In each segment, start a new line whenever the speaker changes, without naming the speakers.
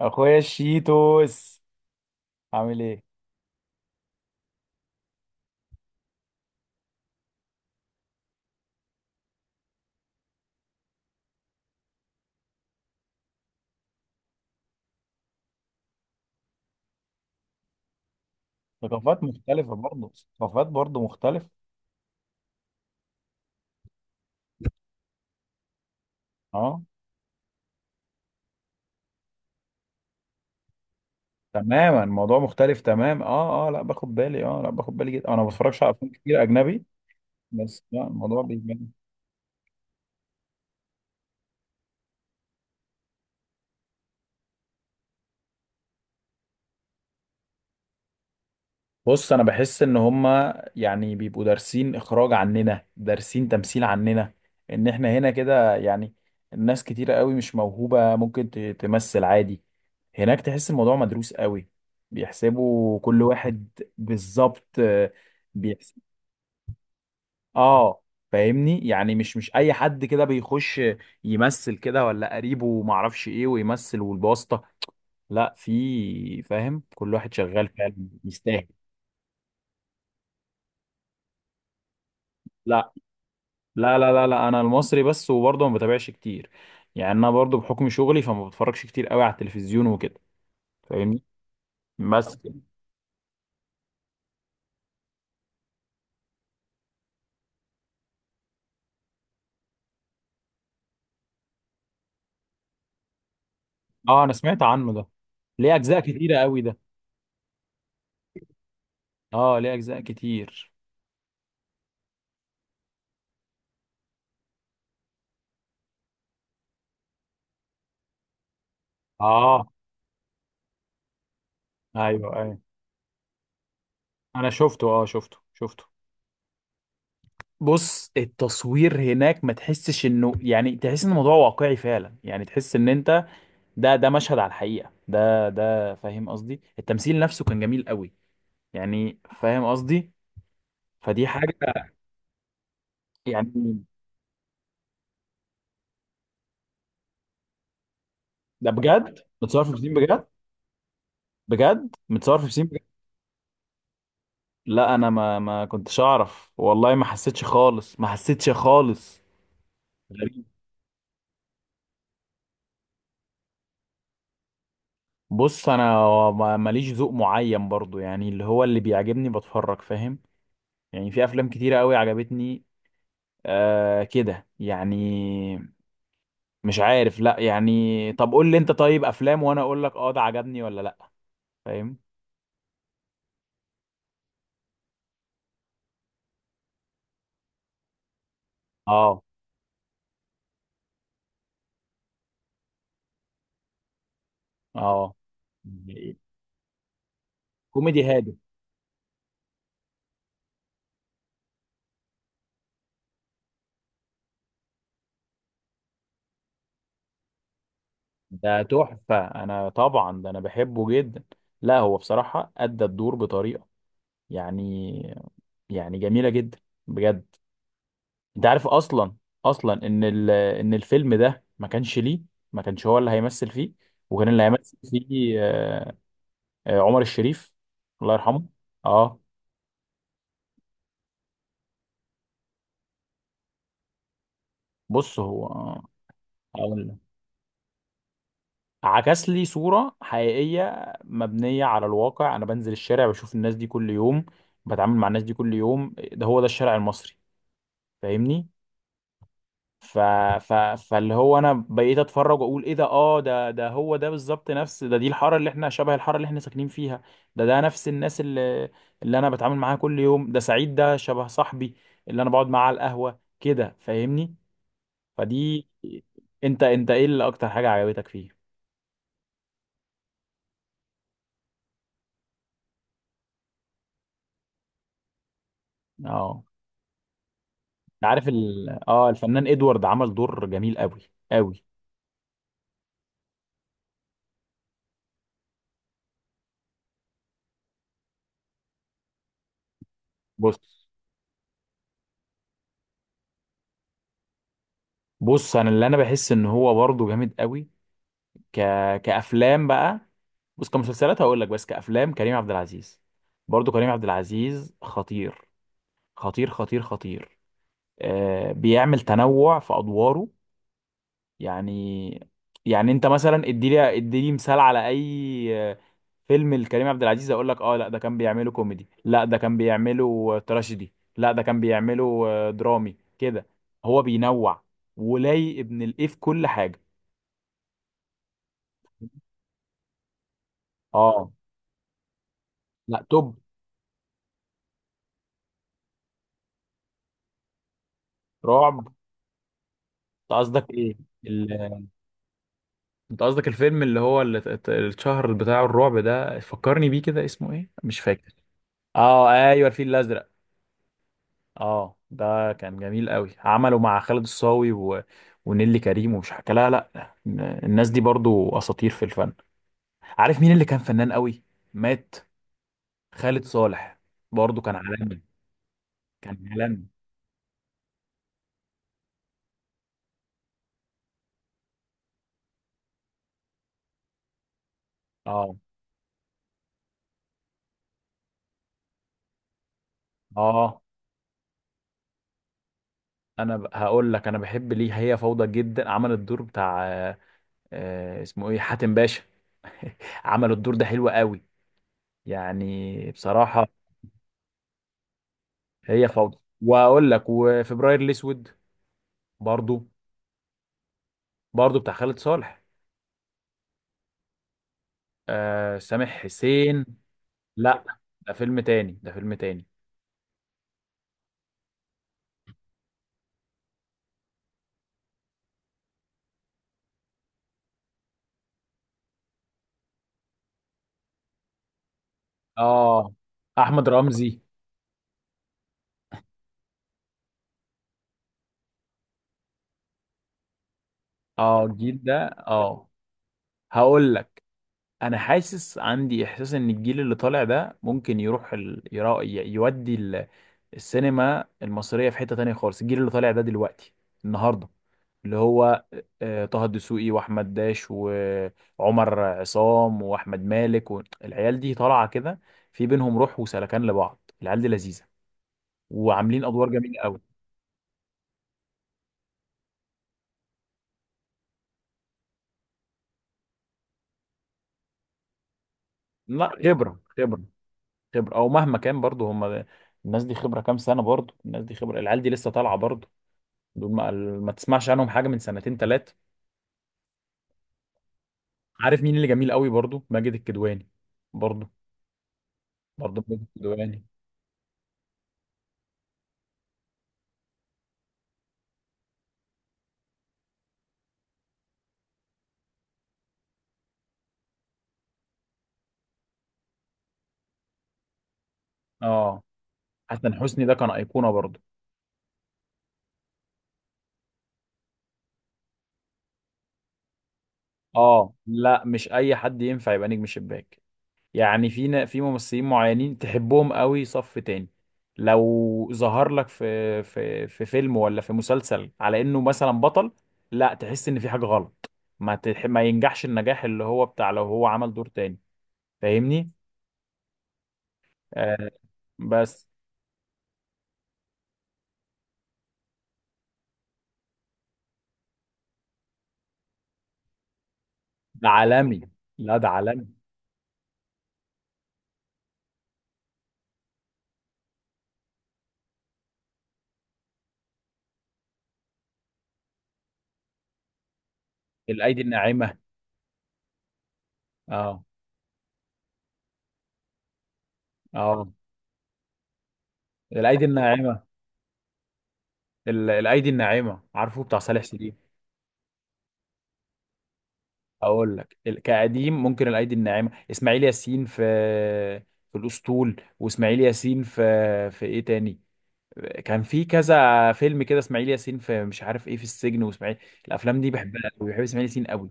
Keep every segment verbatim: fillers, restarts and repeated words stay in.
اخويا الشيتوس، عامل ايه؟ ثقافات مختلفة برضه. ثقافات برضه مختلفة. اه، تماما. الموضوع مختلف تمام. اه، اه، لا باخد بالي. اه، لا باخد بالي جدا. انا ما بتفرجش على افلام كتير اجنبي. بس لا، الموضوع بيبان. بص، انا بحس ان هما يعني بيبقوا دارسين اخراج عننا، دارسين تمثيل عننا. ان احنا هنا كده، يعني الناس كتيرة قوي مش موهوبة، ممكن ت- تمثل عادي. هناك تحس الموضوع مدروس قوي، بيحسبوا كل واحد بالظبط. آه، بيحسب. اه، فاهمني؟ يعني مش مش اي حد كده بيخش يمثل كده، ولا قريبه معرفش ايه ويمثل، والواسطة. لا، في فاهم، كل واحد شغال فعلا. يستاهل. لا، لا، لا، لا، لا، انا المصري بس، وبرضه ما بتابعش كتير. يعني انا برضه بحكم شغلي فما بتفرجش كتير قوي على التلفزيون وكده. فاهمني؟ بس اه، انا سمعت عنه ده. ليه اجزاء كتيره قوي ده؟ اه، ليه اجزاء كتير، اه. ايوه، ايوه، انا شفته. اه، شفته، شفته. بص، التصوير هناك ما تحسش انه، يعني تحس ان الموضوع واقعي فعلا. يعني تحس ان انت ده ده مشهد على الحقيقه. ده ده فاهم قصدي؟ التمثيل نفسه كان جميل قوي، يعني فاهم قصدي. فدي حاجه. يعني ده بجد متصور في بسين بجد. بجد متصور في بسين بجد. لا، انا ما ما كنتش اعرف، والله ما حسيتش خالص، ما حسيتش خالص. غريب. بص، انا ما- ماليش ذوق معين برضو، يعني اللي هو اللي بيعجبني بتفرج، فاهم؟ يعني في افلام كتيرة قوي عجبتني، آه كده يعني. مش عارف، لا، يعني طب قول لي انت طيب افلام، وانا اقول لك اه ده عجبني ولا لا. فاهم؟ اه، اه، كوميدي هادف. ده تحفة، أنا طبعا ده أنا بحبه جدا. لا، هو بصراحة أدى الدور بطريقة، يعني يعني جميلة جدا، بجد. أنت عارف أصلا أصلا إن ال... إن الفيلم ده ما كانش ليه، ما كانش هو اللي هيمثل فيه، وكان اللي هيمثل فيه آه، آه، عمر الشريف، الله يرحمه. أه. بص، هو آه، هقول لك. عكس لي صورة حقيقية مبنية على الواقع. أنا بنزل الشارع بشوف الناس دي كل يوم، بتعامل مع الناس دي كل يوم. ده هو ده الشارع المصري. فاهمني؟ ف... ف... فاللي هو انا بقيت اتفرج واقول ايه ده. اه، ده ده هو ده بالظبط، نفس ده. دي الحاره اللي احنا شبه الحاره اللي احنا ساكنين فيها. ده ده نفس الناس اللي اللي انا بتعامل معاها كل يوم. ده سعيد، ده شبه صاحبي اللي انا بقعد معاه على القهوه كده. فاهمني؟ فدي. انت انت ايه اللي اكتر حاجه عجبتك فيه؟ اه، انت عارف ال... اه، الفنان ادوارد عمل دور جميل قوي، قوي. بص بص انا اللي انا بحس ان هو برضه جامد قوي، ك... كأفلام بقى. بص، كمسلسلات هقول لك، بس كأفلام كريم عبد العزيز. برضو كريم عبد العزيز خطير، خطير، خطير، خطير. آه، بيعمل تنوع في أدواره، يعني يعني انت مثلا اديلي اديلي مثال على اي آه، فيلم لكريم عبد العزيز اقول لك. اه، لا، ده كان بيعمله كوميدي، لا ده كان بيعمله تراجيدي، لا ده كان بيعمله آه، درامي كده. هو بينوع ولاي ابن الايه في كل حاجة. اه، لا توب. رعب. انت قصدك ايه؟ ال... انت قصدك الفيلم اللي هو اللي ات- الشهر بتاع الرعب ده، فكرني بيه كده، اسمه ايه؟ مش فاكر. اه، ايوه، الفيل الازرق. اه، ده كان جميل قوي. عمله مع خالد الصاوي و... ونيلي كريم، ومش حكى، لا، لا، الناس دي برضو اساطير في الفن. عارف مين اللي كان فنان قوي، مات؟ خالد صالح. برضو كان عالمي، كان عالمي. اه، اه، انا ب- هقول لك، انا بحب ليه هي فوضى جدا. عمل الدور بتاع آه، آه، اسمه ايه، حاتم باشا. عملوا الدور ده حلو قوي، يعني بصراحة. هي فوضى، واقول لك، وفبراير الاسود. برضو. برضو بتاع خالد صالح. آه، سامح حسين. لا، ده فيلم تاني، ده فيلم تاني. اه، احمد رمزي. اه، الجيل ده، اه. هقول لك، انا حاسس، عندي احساس ان الجيل اللي طالع ده ممكن يروح ال... يرا... ي- يودي السينما المصرية في حتة تانية خالص. الجيل اللي طالع ده دلوقتي، النهاردة، اللي هو آه، طه الدسوقي واحمد داش وعمر عصام واحمد مالك، والعيال دي طالعة كده. في بينهم روح وسلكان لبعض. العيال دي لذيذة وعاملين ادوار جميلة قوي. لا، خبرة. خبرة، خبرة او مهما كان، برضو هم الناس دي خبرة كام سنة. برضو الناس دي خبرة. العيال دي لسه طالعة برضو. دول ما, ما تسمعش عنهم حاجة من سنتين تلاتة. عارف مين اللي جميل قوي برضو؟ ماجد الكدواني. برضو، برضه ماجد الكدواني. اه، حسن حسني ده كان ايقونه برضه. اه، لا، مش اي حد ينفع يبقى نجم شباك. يعني في نا- في ممثلين معينين تحبهم قوي، صف تاني. لو ظهر لك في في في فيلم ولا في مسلسل على انه مثلا بطل، لا، تحس ان في حاجه غلط. ما تح... ما ينجحش النجاح اللي هو بتاع لو هو عمل دور تاني. فاهمني؟ آه، بس. ده عالمي، لا، ده عالمي. الايدي الناعمه. اه، اه، الايدي الناعمه. ال- الايدي الناعمه، عارفه، بتاع صالح سليم. اقول لك، ال- كقديم ممكن الايدي الناعمه، اسماعيل ياسين في في الاسطول، واسماعيل ياسين في في ايه تاني، كان في كذا فيلم كده، اسماعيل ياسين في مش عارف ايه، في السجن، واسماعيل. الافلام دي بحبها قوي، بحب اسماعيل ياسين قوي.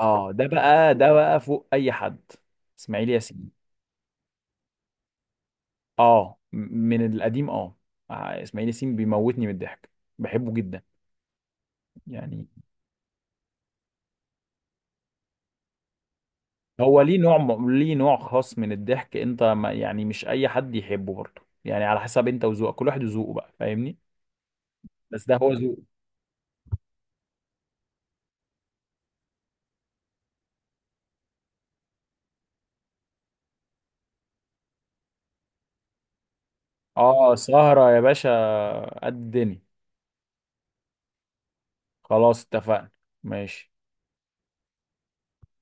اه، ده بقى، ده بقى فوق اي حد، اسماعيل ياسين. اه، م- من القديم، اه. آه، اسماعيل ياسين بيموتني من الضحك، بحبه جدا يعني. هو ليه نوع م- ليه نوع خاص من الضحك. انت، ما يعني، مش اي حد يحبه برضه يعني، على حسب انت وذوقك، كل واحد وذوقه بقى. فاهمني؟ بس ده هو ذوق. اه، سهرة يا باشا، قد الدنيا. خلاص اتفقنا. ماشي.